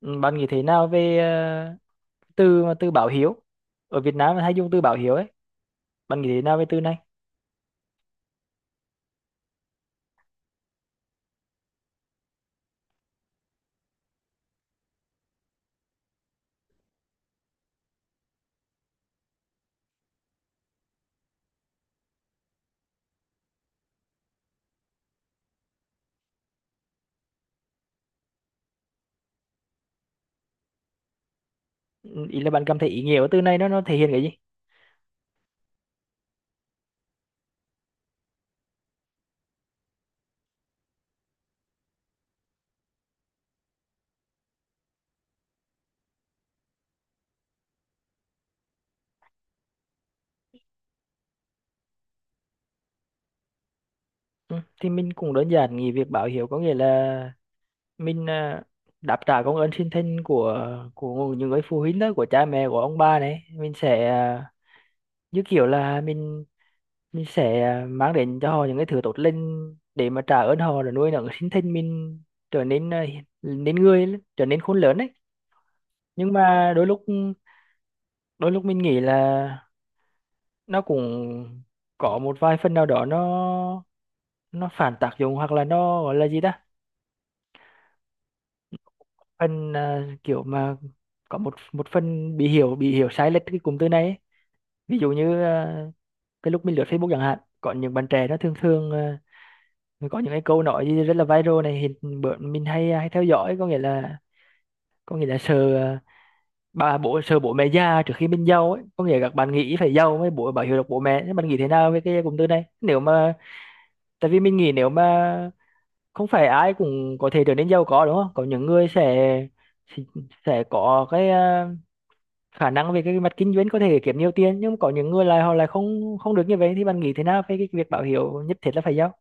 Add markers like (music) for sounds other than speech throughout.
Ừ, bạn nghĩ thế nào về từ báo hiếu? Ở Việt Nam hay dùng từ báo hiếu ấy. Bạn nghĩ thế nào về từ này? Ừ, ý là bạn cảm thấy ý nghĩa của từ này nó thể hiện cái gì? Ừ, thì mình cũng đơn giản nghĩ việc báo hiếu có nghĩa là mình, đáp trả công ơn sinh thành của những người phụ huynh đó, của cha mẹ của ông bà này. Mình sẽ, như kiểu là mình sẽ, mang đến cho họ những cái thứ tốt lành để mà trả ơn họ rồi nuôi nấng sinh thành mình trở nên, nên người, trở nên khôn lớn ấy. Nhưng mà đôi lúc mình nghĩ là nó cũng có một vài phần nào đó, nó phản tác dụng, hoặc là nó gọi là gì ta, phần, kiểu mà có một một phần bị hiểu sai lệch cái cụm từ này ấy. Ví dụ như, cái lúc mình lướt Facebook chẳng hạn, có những bạn trẻ nó thường thường, có những cái câu nói gì rất là viral này, hiện bữa mình hay theo dõi, có nghĩa là, sợ bố sợ bố mẹ già trước khi mình giàu ấy, có nghĩa là các bạn nghĩ phải giàu mới bảo hiểm được bố mẹ. Thế bạn nghĩ thế nào về cái cụm từ này? Nếu mà, tại vì mình nghĩ, nếu mà không phải ai cũng có thể trở nên giàu có đúng không, có những người sẽ, sẽ có cái, khả năng về cái mặt kinh doanh có thể kiếm nhiều tiền, nhưng có những người lại, họ lại không không được như vậy. Thì bạn nghĩ thế nào về cái việc báo hiếu nhất thiết là phải giao?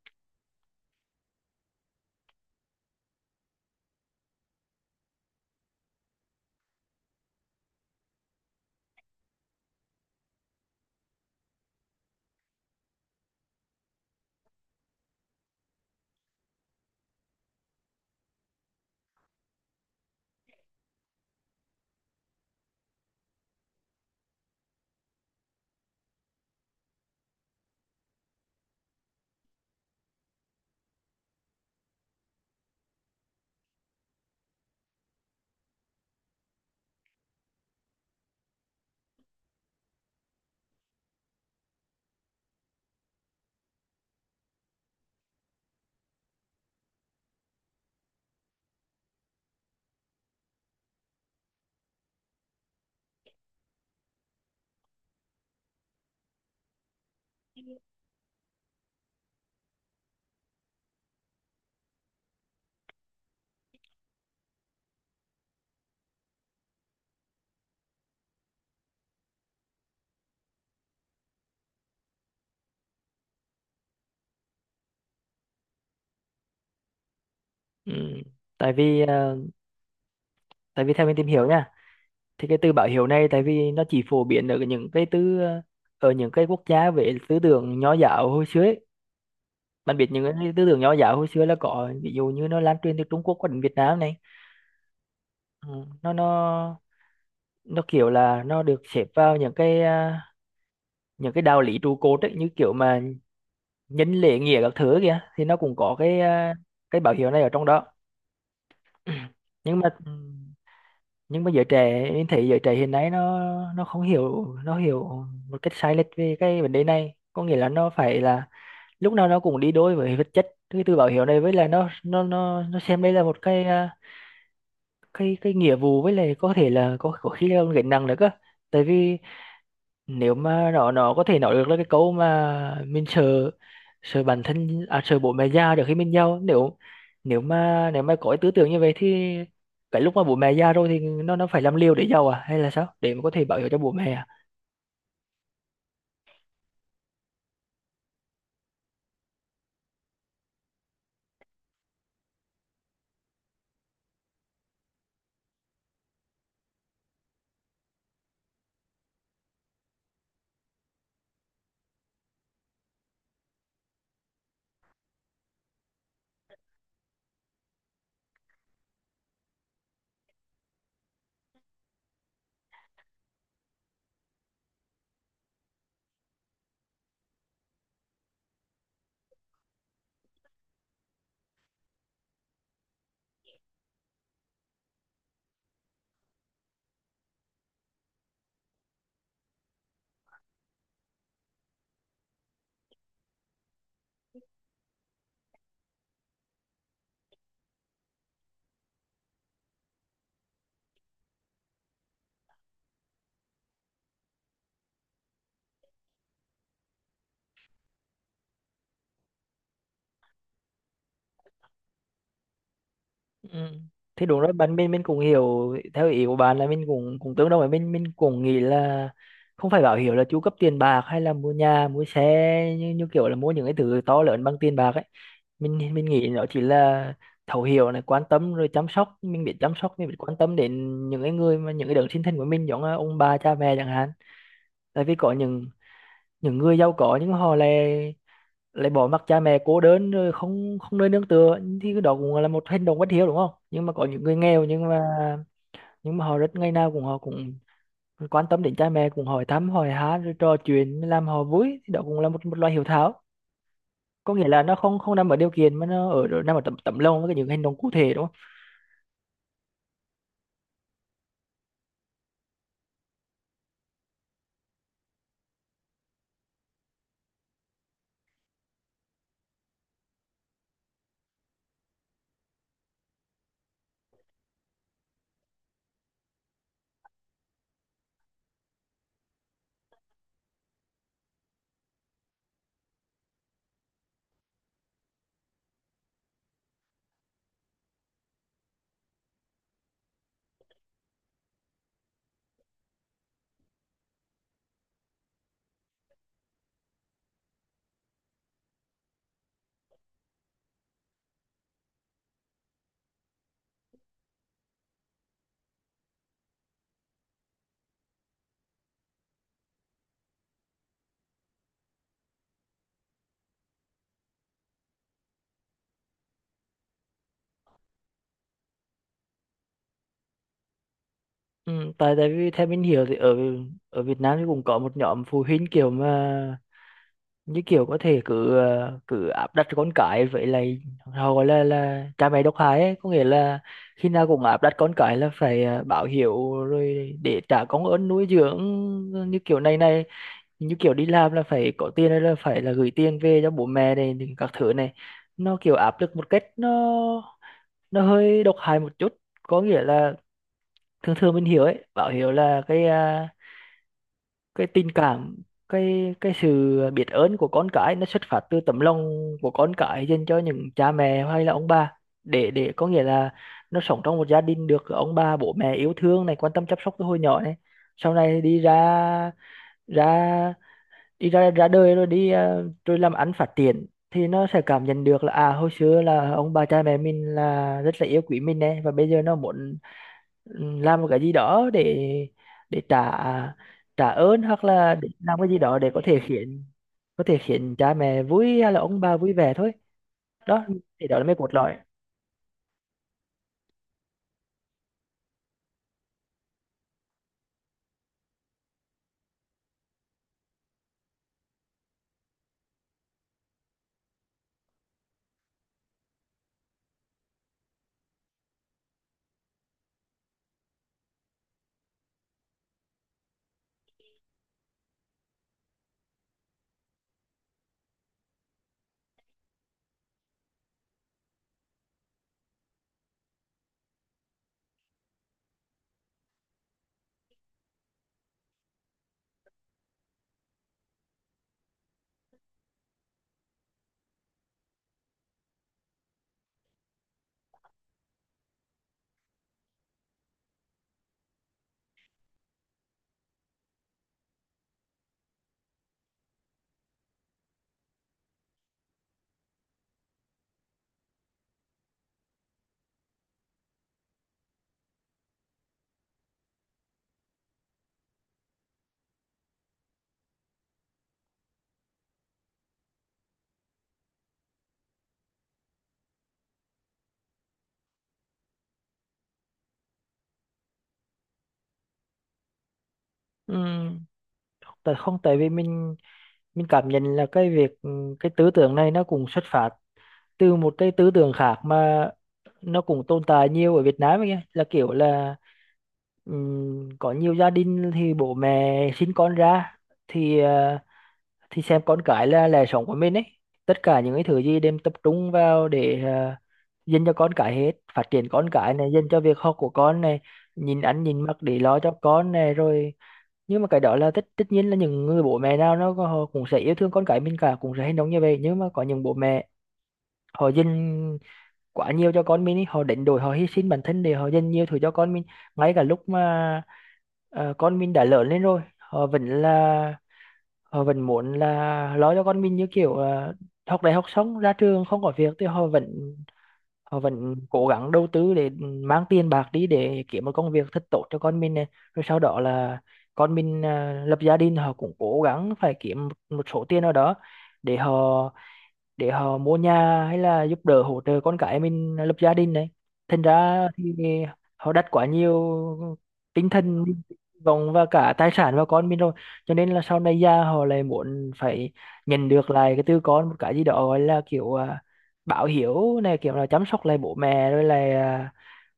Ừ, tại vì à, tại vì theo mình tìm hiểu nha, thì cái từ báo hiếu này, tại vì nó chỉ phổ biến ở những cái tư, ở những cái quốc gia về tư tưởng nho giáo hồi xưa ấy. Bạn biết những cái tư tưởng nho giáo hồi xưa là có, ví dụ như nó lan truyền từ Trung Quốc qua đến Việt Nam này. Ừ, nó kiểu là nó được xếp vào những cái, những cái đạo lý trụ cột ấy, như kiểu mà nhân lễ nghĩa các thứ kìa, thì nó cũng có cái, cái bảo hiểm này ở trong đó. (clears throat) nhưng mà nhưng mà giới trẻ em thấy giới trẻ hiện nay nó không hiểu, nó hiểu một cách sai lệch về cái vấn đề này. Có nghĩa là nó phải là, lúc nào nó cũng đi đôi với vật chất cái từ bảo hiểm này. Với là nó xem đây là một cái, cái nghĩa vụ, với lại có thể là có khi là gánh nặng nữa cơ. Tại vì nếu mà nó có thể nói được là cái câu mà mình sợ, bản thân, sợ bố mẹ già trước khi mình giàu, nếu, nếu mà có cái tư tưởng như vậy thì cái lúc mà bố mẹ già rồi thì nó phải làm liều để giàu à, hay là sao để mà có thể bảo hiểm cho bố mẹ à? Ừ. Thì đúng rồi bạn, mình cũng hiểu theo ý của bạn là mình cũng cũng tương đồng, với mình cũng nghĩ là không phải bảo hiểm là chu cấp tiền bạc hay là mua nhà mua xe, như kiểu là mua những cái thứ to lớn bằng tiền bạc ấy. Mình nghĩ nó chỉ là thấu hiểu này, quan tâm rồi chăm sóc, mình biết chăm sóc, mình biết quan tâm đến những cái người mà những cái đấng sinh thành của mình, giống là ông bà cha mẹ chẳng hạn. Tại vì có những người giàu có nhưng họ lại, bỏ mặc cha mẹ cô đơn rồi không không nơi nương tựa, thì cái đó cũng là một hành động bất hiếu đúng không? Nhưng mà có những người nghèo, nhưng mà họ rất, ngày nào cũng họ cũng quan tâm đến cha mẹ, cũng hỏi thăm hỏi han rồi trò chuyện làm họ vui, thì đó cũng là một, loại hiếu thảo. Có nghĩa là nó không không nằm ở điều kiện, mà nó ở, nằm ở tấm tấm lòng với cái những hành động cụ thể, đúng không? Ừ, tại tại vì theo mình hiểu thì ở, Việt Nam thì cũng có một nhóm phụ huynh kiểu mà, như kiểu có thể cứ áp đặt con cái vậy, là họ gọi là cha mẹ độc hại ấy. Có nghĩa là khi nào cũng áp đặt con cái là phải, báo hiếu rồi để trả công ơn nuôi dưỡng, như kiểu này này, như kiểu đi làm là phải có tiền hay là phải là gửi tiền về cho bố mẹ này thì các thứ này. Nó kiểu áp lực một cách, nó hơi độc hại một chút, có nghĩa là thường thường mình hiểu ấy, bảo hiểu là cái, cái tình cảm, cái sự biết ơn của con cái nó xuất phát từ tấm lòng của con cái dành cho những cha mẹ hay là ông bà. Để, có nghĩa là nó sống trong một gia đình được ông bà bố mẹ yêu thương này, quan tâm chăm sóc từ hồi nhỏ này, sau này đi ra, ra ra đời rồi rồi làm ăn phát triển, thì nó sẽ cảm nhận được là, à, hồi xưa là ông bà cha mẹ mình là rất là yêu quý mình này và bây giờ nó muốn, ừ, làm một cái gì đó để, trả, ơn hoặc là để làm cái gì đó để có thể khiến, cha mẹ vui hay là ông bà vui vẻ thôi. Đó thì đó là mấy cốt lõi. Ừ, tại không tại vì mình, cảm nhận là cái việc, ừ, cái tư tưởng này nó cũng xuất phát từ một cái tư tưởng khác mà nó cũng tồn tại nhiều ở Việt Nam ấy, kìa. Là kiểu là, có nhiều gia đình thì bố mẹ sinh con ra thì, thì xem con cái là lẽ sống của mình ấy. Tất cả những cái thứ gì đem tập trung vào để, uh, dành cho con cái hết, phát triển con cái này, dành cho việc học của con này, nhìn ăn nhìn mặc để lo cho con này rồi, nhưng mà cái đó là tất tất nhiên, là những người bố mẹ nào họ cũng sẽ yêu thương con cái mình cả, cũng sẽ hành động như vậy. Nhưng mà có những bố mẹ họ dành quá nhiều cho con mình ấy, họ đánh đổi, họ hy sinh bản thân để họ dành nhiều thứ cho con mình. Ngay cả lúc mà, con mình đã lớn lên rồi, họ vẫn là, họ vẫn muốn là lo cho con mình, như kiểu, học đại học xong ra trường không có việc thì họ vẫn, cố gắng đầu tư để mang tiền bạc đi để kiếm một công việc thật tốt cho con mình này. Rồi sau đó là con mình, lập gia đình, họ cũng cố gắng phải kiếm một một số tiền nào đó để họ, mua nhà hay là giúp đỡ hỗ trợ con cái mình lập gia đình này. Thành ra thì họ đặt quá nhiều tinh thần, vọng và cả tài sản vào con mình rồi, cho nên là sau này già họ lại muốn phải nhận được lại cái từ con một cái gì đó gọi là kiểu, báo hiếu này, kiểu là chăm sóc lại bố mẹ rồi là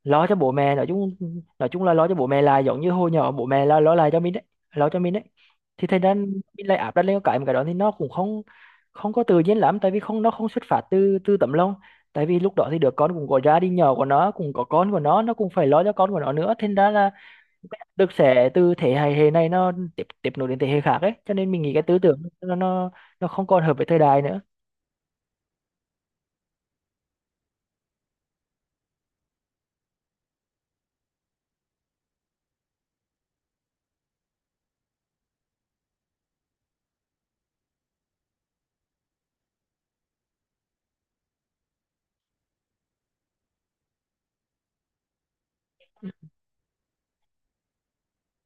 lo cho bố mẹ, nói chung, nói chung là lo cho bố mẹ là giống như hồi nhỏ bố mẹ là lo lại cho mình đấy, lo cho mình đấy. Thì thành ra mình lại áp đặt lên cái, cái đó thì nó cũng không không có tự nhiên lắm, tại vì không, nó không xuất phát từ, tấm lòng. Tại vì lúc đó thì đứa con cũng có gia đình nhỏ của nó, cũng có con của nó cũng phải lo cho con của nó nữa, thành ra là được sẽ từ thế hệ hệ này nó tiếp tiếp nối đến thế hệ khác ấy, cho nên mình nghĩ cái tư tưởng nó không còn hợp với thời đại nữa.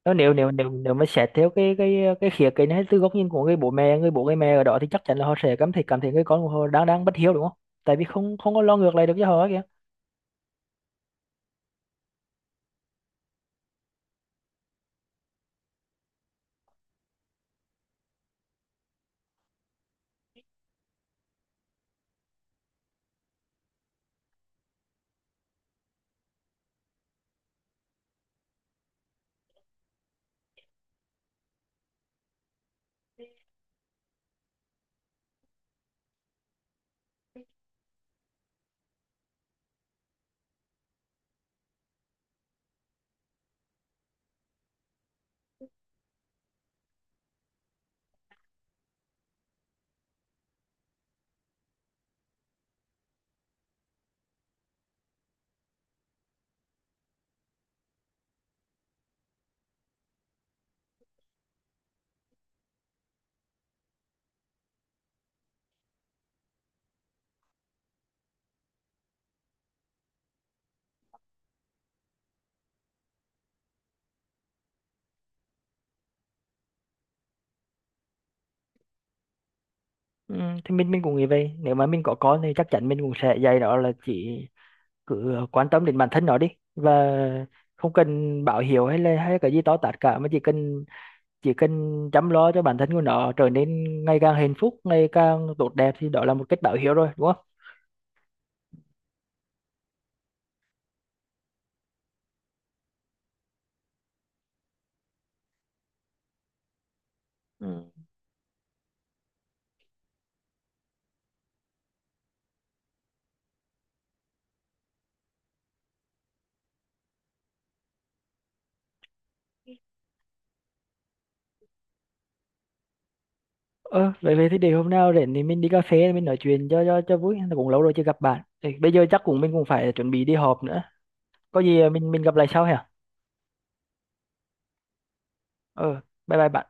Nếu nếu nếu nếu Nếu mà xét theo cái khía cạnh hay từ góc nhìn của người bố mẹ, người bố người mẹ ở đó, thì chắc chắn là họ sẽ cảm thấy người con của họ đang đang bất hiếu đúng không, tại vì không không có lo ngược lại được cho họ kìa. Ừ, thì mình cũng nghĩ vậy, nếu mà mình có con thì chắc chắn mình cũng sẽ dạy nó là chỉ, quan tâm đến bản thân nó đi, và không cần báo hiếu hay là cái gì to tát cả, mà chỉ cần, chỉ cần chăm lo cho bản thân của nó trở nên ngày càng hạnh phúc, ngày càng tốt đẹp, thì đó là một cách báo hiếu rồi đúng không? Ừ. Ờ, vậy vậy thì để hôm nào rảnh thì mình đi cà phê mình nói chuyện cho, vui, cũng lâu rồi chưa gặp bạn. Thì bây giờ chắc cũng mình cũng phải chuẩn bị đi họp nữa, có gì mình gặp lại sau hả? Ờ, bye bye bạn.